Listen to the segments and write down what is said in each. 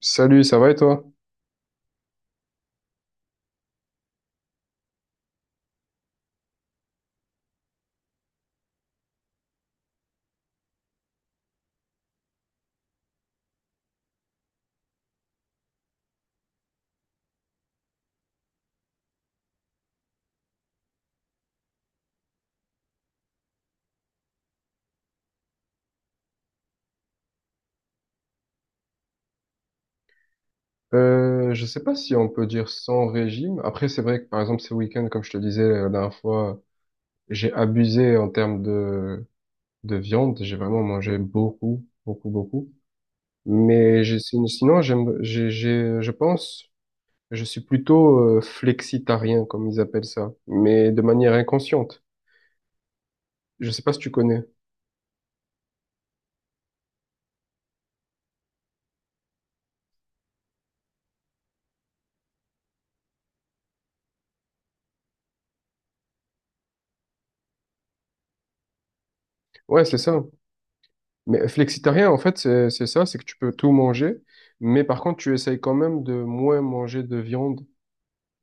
Salut, ça va et toi? Je sais pas si on peut dire sans régime. Après, c'est vrai que par exemple, ces week-ends, comme je te disais la dernière fois, j'ai abusé en termes de viande. J'ai vraiment mangé beaucoup, beaucoup, beaucoup. Mais sinon, je pense, je suis plutôt flexitarien, comme ils appellent ça, mais de manière inconsciente. Je sais pas si tu connais. Ouais, c'est ça. Mais flexitarien, en fait, c'est ça, c'est que tu peux tout manger, mais par contre, tu essayes quand même de moins manger de viande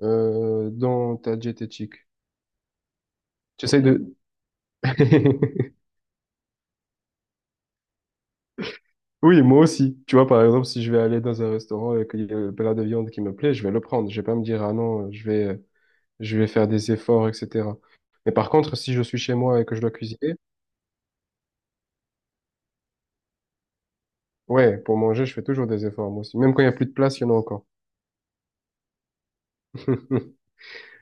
dans ta diététique. J'essaie de... Oui, moi aussi. Tu vois, par exemple, si je vais aller dans un restaurant et qu'il y a un plat de viande qui me plaît, je vais le prendre. Je vais pas me dire, ah non, je vais faire des efforts, etc. Mais par contre, si je suis chez moi et que je dois cuisiner, ouais, pour manger, je fais toujours des efforts, moi aussi. Même quand il y a plus de place, il y en a encore.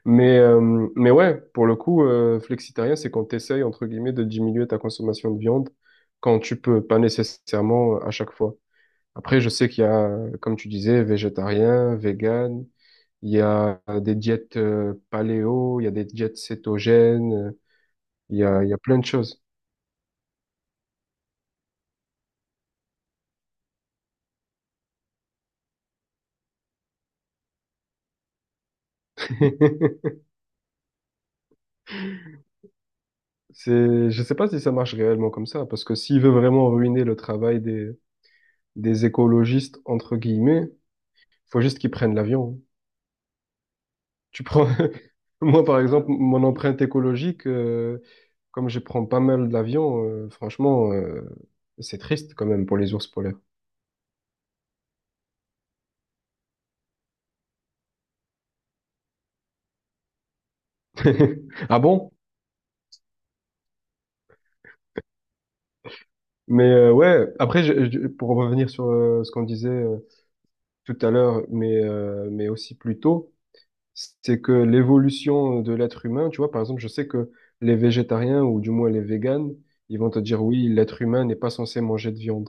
Mais ouais, pour le coup, flexitarien, c'est quand tu entre guillemets, de diminuer ta consommation de viande quand tu peux, pas nécessairement à chaque fois. Après, je sais qu'il y a, comme tu disais, végétarien, vegan, il y a des diètes paléo, il y a des diètes cétogènes, il y a plein de choses. Je sais pas si ça marche réellement comme ça, parce que s'il veut vraiment ruiner le travail des écologistes, entre guillemets, faut juste qu'ils prennent l'avion. Tu prends, moi par exemple, mon empreinte écologique, comme je prends pas mal d'avions, franchement, c'est triste quand même pour les ours polaires. Ah bon? Mais ouais, après, pour revenir sur ce qu'on disait tout à l'heure, mais aussi plus tôt, c'est que l'évolution de l'être humain, tu vois, par exemple, je sais que les végétariens, ou du moins les véganes, ils vont te dire, oui, l'être humain n'est pas censé manger de viande.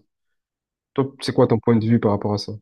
Toi, c'est quoi ton point de vue par rapport à ça?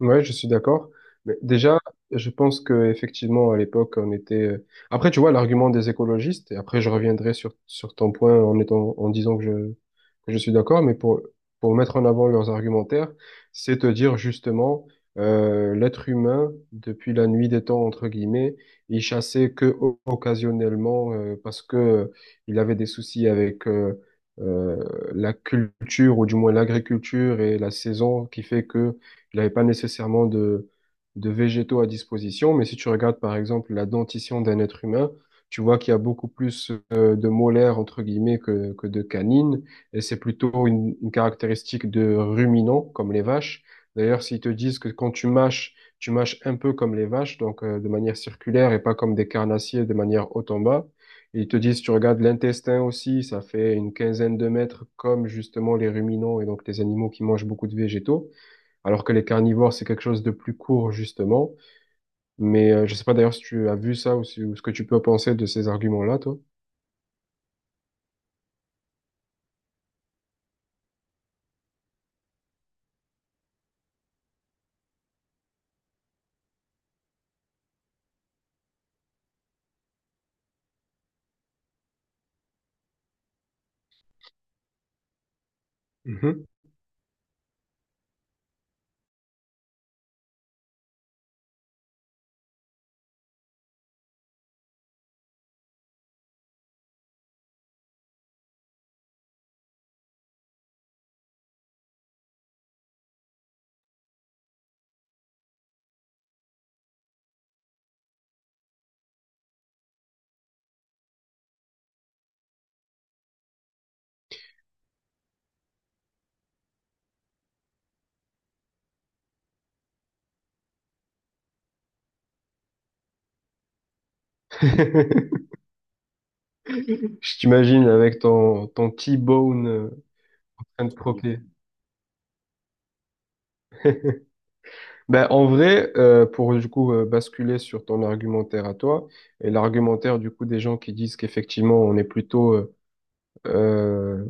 Ouais, je suis d'accord. Mais déjà, je pense que effectivement à l'époque, on était. Après, tu vois, l'argument des écologistes. Et après, je reviendrai sur ton point en étant en disant que je suis d'accord. Mais pour mettre en avant leurs argumentaires, c'est te dire justement l'être humain depuis la nuit des temps entre guillemets, il chassait que occasionnellement parce que il avait des soucis avec euh, la culture ou du moins l'agriculture et la saison qui fait que il n'avait pas nécessairement de végétaux à disposition, mais si tu regardes par exemple la dentition d'un être humain, tu vois qu'il y a beaucoup plus de molaires entre guillemets que de canines, et c'est plutôt une caractéristique de ruminants comme les vaches. D'ailleurs, s'ils te disent que quand tu mâches un peu comme les vaches, donc de manière circulaire et pas comme des carnassiers de manière haut en bas. Et ils te disent, tu regardes l'intestin aussi, ça fait une quinzaine de mètres comme justement les ruminants et donc les animaux qui mangent beaucoup de végétaux, alors que les carnivores, c'est quelque chose de plus court, justement. Mais je sais pas d'ailleurs si tu as vu ça ou, si- ou ce que tu peux penser de ces arguments-là, toi. Mhm. Je t'imagine avec ton T-bone en train de croquer. Ben, en vrai, pour du coup basculer sur ton argumentaire à toi, et l'argumentaire du coup des gens qui disent qu'effectivement on est plutôt euh,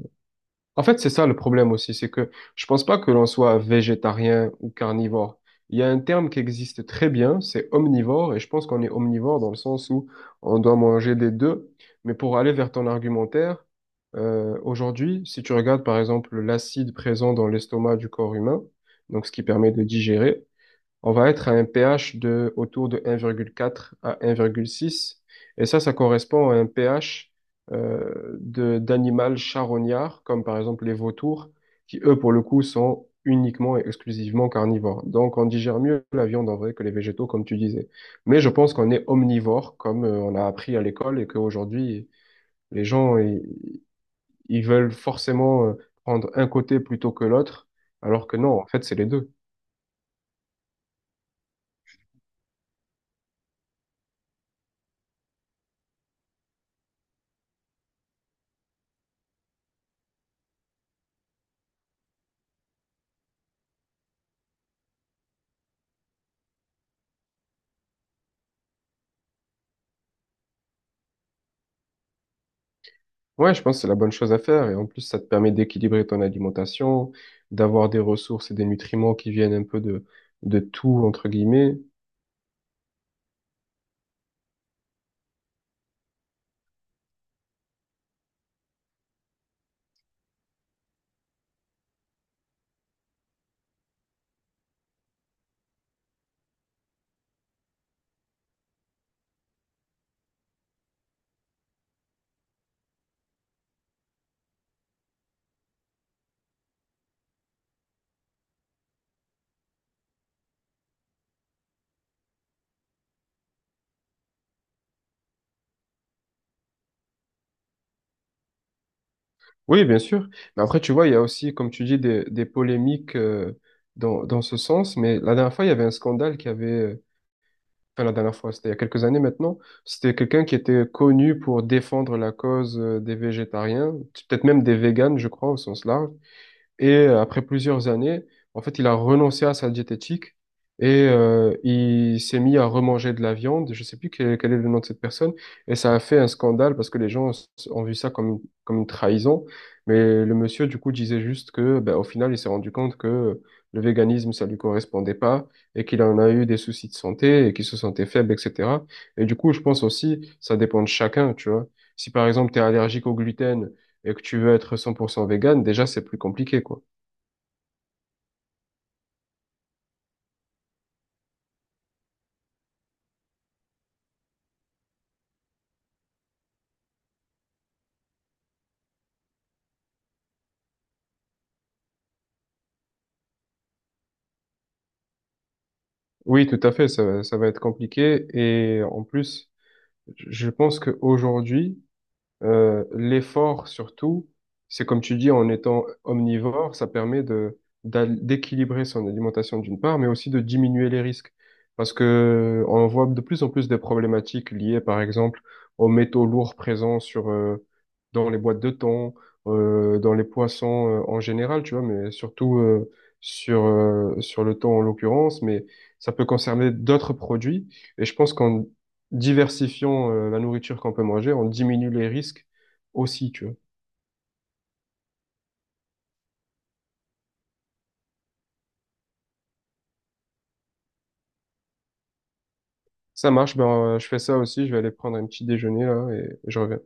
en fait, c'est ça le problème aussi, c'est que je pense pas que l'on soit végétarien ou carnivore. Il y a un terme qui existe très bien, c'est omnivore, et je pense qu'on est omnivore dans le sens où on doit manger des deux. Mais pour aller vers ton argumentaire, aujourd'hui, si tu regardes par exemple l'acide présent dans l'estomac du corps humain, donc ce qui permet de digérer, on va être à un pH de autour de 1,4 à 1,6. Et ça correspond à un pH de d'animal charognard, comme par exemple les vautours, qui eux, pour le coup, sont uniquement et exclusivement carnivores. Donc, on digère mieux la viande en vrai que les végétaux, comme tu disais. Mais je pense qu'on est omnivore, comme on a appris à l'école, et qu'aujourd'hui, les gens, ils, ils veulent forcément prendre un côté plutôt que l'autre, alors que non, en fait, c'est les deux. Ouais, je pense que c'est la bonne chose à faire. Et en plus, ça te permet d'équilibrer ton alimentation, d'avoir des ressources et des nutriments qui viennent un peu de tout, entre guillemets. Oui, bien sûr. Mais après, tu vois, il y a aussi, comme tu dis, des polémiques dans ce sens. Mais la dernière fois, il y avait un scandale enfin, la dernière fois, c'était il y a quelques années maintenant. C'était quelqu'un qui était connu pour défendre la cause des végétariens, peut-être même des véganes, je crois, au sens large. Et après plusieurs années, en fait, il a renoncé à sa diététique et il s'est mis à remanger de la viande. Je sais plus quel est le nom de cette personne. Et ça a fait un scandale parce que ont vu ça comme comme une trahison. Mais le monsieur, du coup, disait juste que, ben, au final, il s'est rendu compte que le véganisme, ça lui correspondait pas et qu'il en a eu des soucis de santé et qu'il se sentait faible, etc. Et du coup, je pense aussi, ça dépend de chacun, tu vois. Si par exemple, tu es allergique au gluten, et que tu veux être 100% vegan, déjà, c'est plus compliqué, quoi. Oui, tout à fait, ça va être compliqué. Et en plus, je pense qu'aujourd'hui, l'effort surtout, c'est comme tu dis, en étant omnivore, ça permet de d'équilibrer son alimentation d'une part, mais aussi de diminuer les risques. Parce que on voit de plus en plus des problématiques liées, par exemple, aux métaux lourds présents sur dans les boîtes de thon, dans les poissons en général, tu vois, mais surtout sur le thon en l'occurrence, mais ça peut concerner d'autres produits. Et je pense qu'en diversifions la nourriture qu'on peut manger, on diminue les risques aussi, tu vois. Ça marche, je fais ça aussi, je vais aller prendre un petit déjeuner là et je reviens.